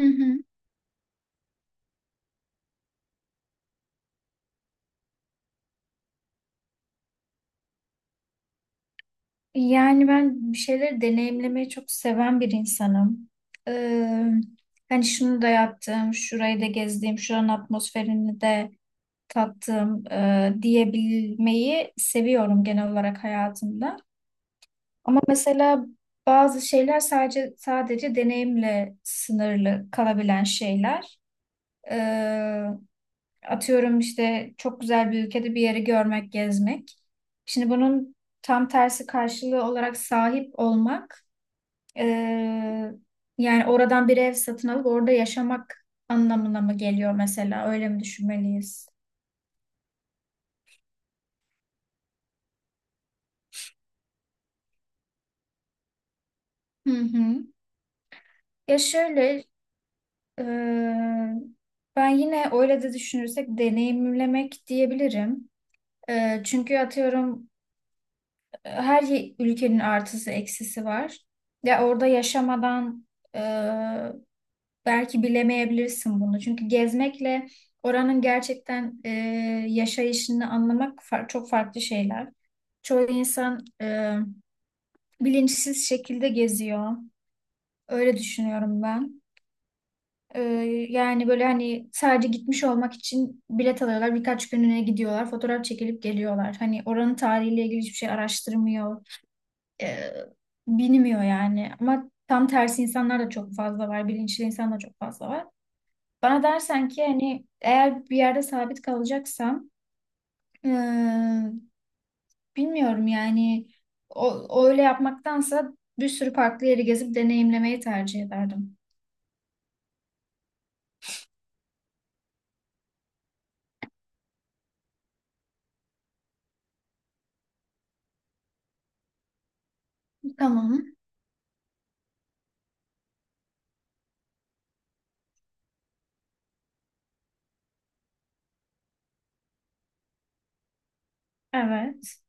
Hı hı. Yani ben bir şeyleri deneyimlemeyi çok seven bir insanım. Ee, Hani şunu da yaptım, şurayı da gezdim, şuranın atmosferini de tattım diyebilmeyi seviyorum genel olarak hayatımda. Ama mesela bazı şeyler sadece deneyimle sınırlı kalabilen şeyler. Atıyorum işte çok güzel bir ülkede bir yeri görmek, gezmek. Şimdi bunun tam tersi karşılığı olarak sahip olmak, eee, yani oradan bir ev satın alıp orada yaşamak anlamına mı geliyor mesela? Öyle mi düşünmeliyiz? Hı hı. Ya şöyle, eee, ben yine öyle de düşünürsek deneyimlemek diyebilirim. Çünkü atıyorum ülkenin artısı eksisi var. Ya orada yaşamadan e, belki bilemeyebilirsin bunu. Çünkü gezmekle oranın gerçekten yaşayışını anlamak çok farklı şeyler. Çoğu insan bilinçsiz şekilde geziyor. Öyle düşünüyorum ben. E, Yani böyle hani sadece gitmiş olmak için bilet alıyorlar. Birkaç günlüğüne gidiyorlar. Fotoğraf çekilip geliyorlar. Hani oranın tarihiyle ilgili hiçbir şey araştırmıyor e, bilmiyor yani. Ama tam tersi insanlar da çok fazla var. Bilinçli insan da çok fazla var. Bana dersen ki hani eğer bir yerde sabit kalacaksam e, bilmiyorum yani o öyle yapmaktansa bir sürü farklı yeri gezip deneyimlemeyi tercih ederdim. Tamam. Evet.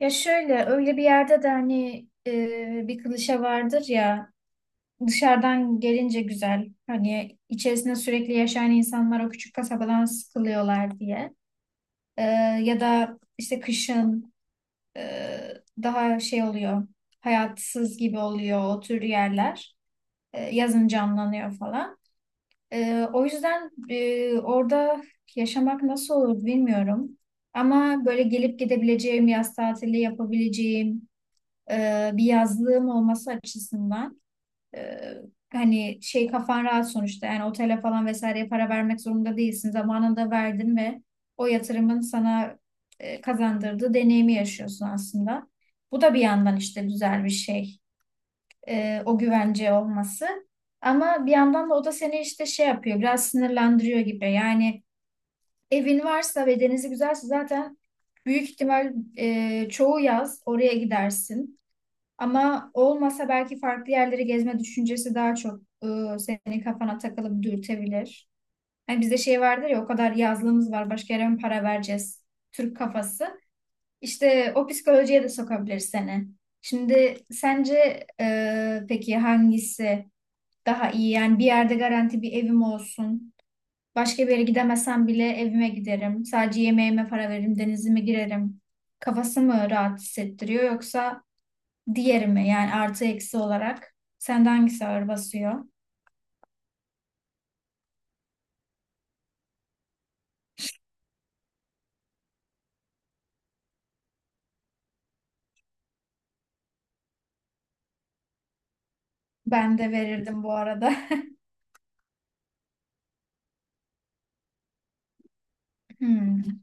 Ya şöyle öyle bir yerde de hani bir klişe vardır ya dışarıdan gelince güzel hani içerisinde sürekli yaşayan insanlar o küçük kasabadan sıkılıyorlar diye. Ee, Ya da işte kışın e, daha şey oluyor, hayatsız gibi oluyor o tür yerler. Yazın canlanıyor falan. O yüzden orada yaşamak nasıl olur bilmiyorum. Ama böyle gelip gidebileceğim, yaz tatili yapabileceğim bir yazlığım olması açısından. Ee, Hani şey kafan rahat sonuçta yani otele falan vesaireye para vermek zorunda değilsin. Zamanında verdin ve o yatırımın sana kazandırdığı deneyimi yaşıyorsun aslında. Bu da bir yandan işte güzel bir şey. O güvence olması. Ama bir yandan da o da seni işte şey yapıyor, biraz sinirlendiriyor gibi. Yani evin varsa ve denizi güzelse zaten büyük ihtimal çoğu yaz oraya gidersin. Ama olmasa belki farklı yerleri gezme düşüncesi daha çok senin kafana takılıp dürtebilir. Hani bizde şey vardır ya o kadar yazlığımız var başka yere mi para vereceğiz? Türk kafası. İşte o psikolojiye de sokabilir seni. Şimdi sence peki hangisi daha iyi? Yani bir yerde garanti bir evim olsun. Başka bir yere gidemesem bile evime giderim. Sadece yemeğime para veririm, denizime girerim. Kafası mı rahat hissettiriyor yoksa diğeri mi? Yani artı eksi olarak. Sende hangisi ağır basıyor? Ben de verirdim bu arada. Hmm.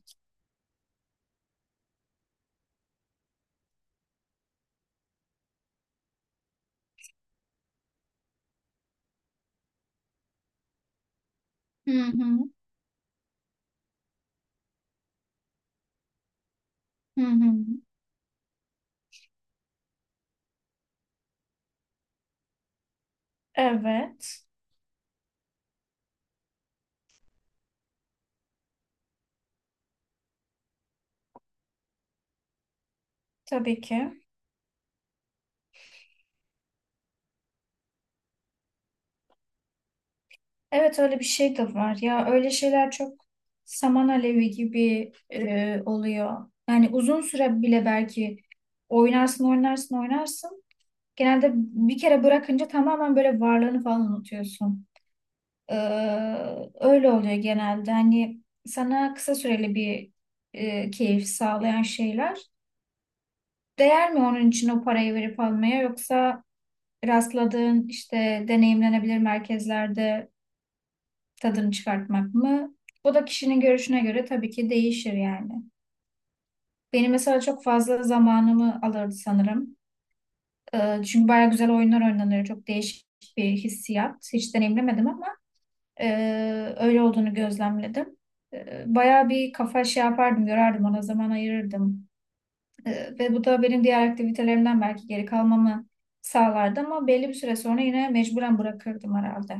Hı hı. Hı hı. Evet. Tabii ki. Evet, öyle bir şey de var. Ya öyle şeyler çok saman alevi gibi oluyor. Yani uzun süre bile belki oynarsın, oynarsın, oynarsın. Genelde bir kere bırakınca tamamen böyle varlığını falan unutuyorsun. Ee, Öyle oluyor genelde. Hani sana kısa süreli bir keyif sağlayan şeyler. Değer mi onun için o parayı verip almaya yoksa rastladığın işte deneyimlenebilir merkezlerde tadını çıkartmak mı? Bu da kişinin görüşüne göre tabii ki değişir yani. Benim mesela çok fazla zamanımı alırdı sanırım. Çünkü bayağı güzel oyunlar oynanıyor. Çok değişik bir hissiyat. Hiç deneyimlemedim ama öyle olduğunu gözlemledim. Bayağı bir kafa şey yapardım, yorardım, ona zaman ayırırdım. Ve bu da benim diğer aktivitelerimden belki geri kalmamı sağlardı ama belli bir süre sonra yine mecburen bırakırdım herhalde.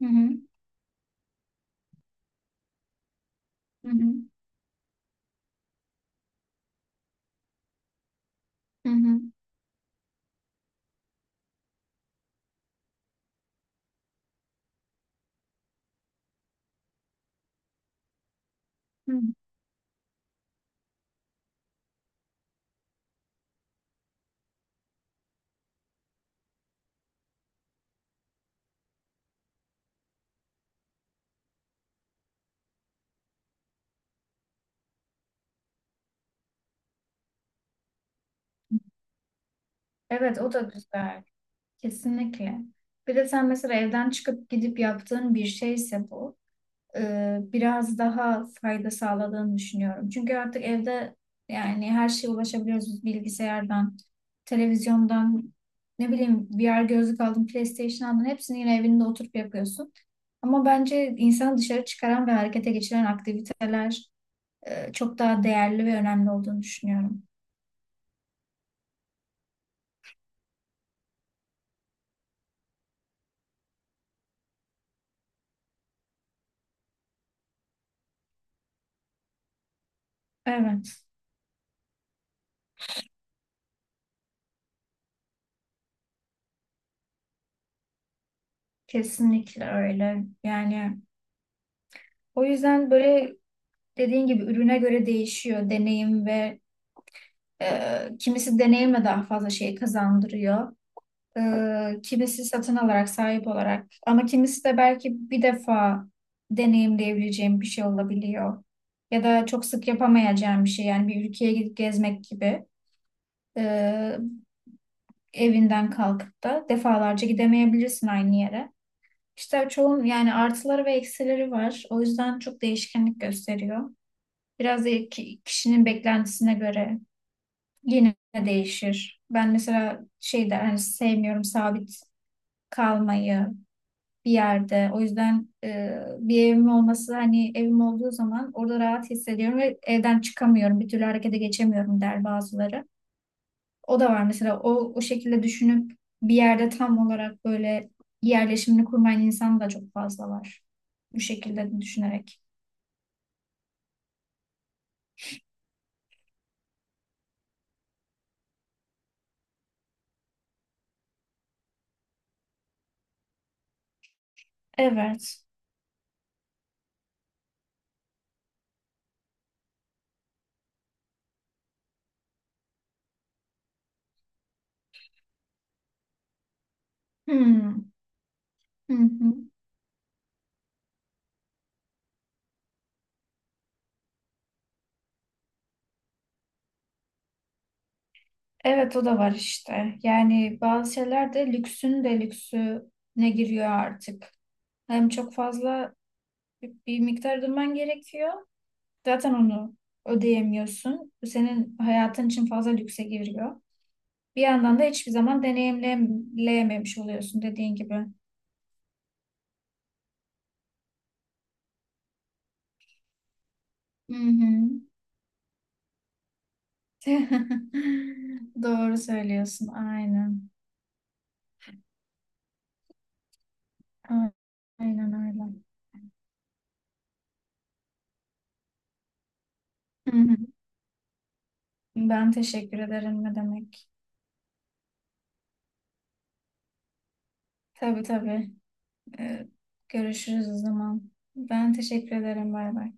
Hı hı, hı hı, hı hı, hı. Evet, o da güzel. Kesinlikle. Bir de sen mesela evden çıkıp gidip yaptığın bir şeyse bu. Biraz daha fayda sağladığını düşünüyorum. Çünkü artık evde yani her şeye ulaşabiliyoruz bilgisayardan, televizyondan, ne bileyim VR gözlük aldın, PlayStation aldın hepsini yine evinde oturup yapıyorsun. Ama bence insanı dışarı çıkaran ve harekete geçiren aktiviteler çok daha değerli ve önemli olduğunu düşünüyorum. Evet, kesinlikle öyle. Yani o yüzden böyle dediğin gibi ürüne göre değişiyor deneyim ve kimisi deneyimle daha fazla şey kazandırıyor. Kimisi satın alarak, sahip olarak. Ama kimisi de belki bir defa deneyimleyebileceğim bir şey olabiliyor. Ya da çok sık yapamayacağım bir şey. Yani bir ülkeye gidip gezmek gibi. Ee, Evinden kalkıp da defalarca gidemeyebilirsin aynı yere. İşte çoğun yani artıları ve eksileri var. O yüzden çok değişkenlik gösteriyor. Biraz da kişinin beklentisine göre yine değişir. Ben mesela şey der, hani sevmiyorum sabit kalmayı bir yerde. O yüzden bir evim olması hani evim olduğu zaman orada rahat hissediyorum ve evden çıkamıyorum. Bir türlü harekete geçemiyorum der bazıları. O da var mesela o şekilde düşünüp bir yerde tam olarak böyle yerleşimini kurmayan insan da çok fazla var. Bu şekilde düşünerek. Evet. Hmm. Hı hı. Evet, o da var işte. Yani bazı şeyler de lüksün de lüksüne giriyor artık. Hem çok fazla bir miktar ödemen gerekiyor. Zaten onu ödeyemiyorsun. Bu senin hayatın için fazla lükse giriyor. Bir yandan da hiçbir zaman deneyimleyememiş oluyorsun dediğin gibi. Hı hı. Doğru söylüyorsun. Aynen. Aynen öyle. Hı hı. Ben teşekkür ederim, ne demek. Tabii tabii. Ee, Görüşürüz o zaman. Ben teşekkür ederim. Bay bay.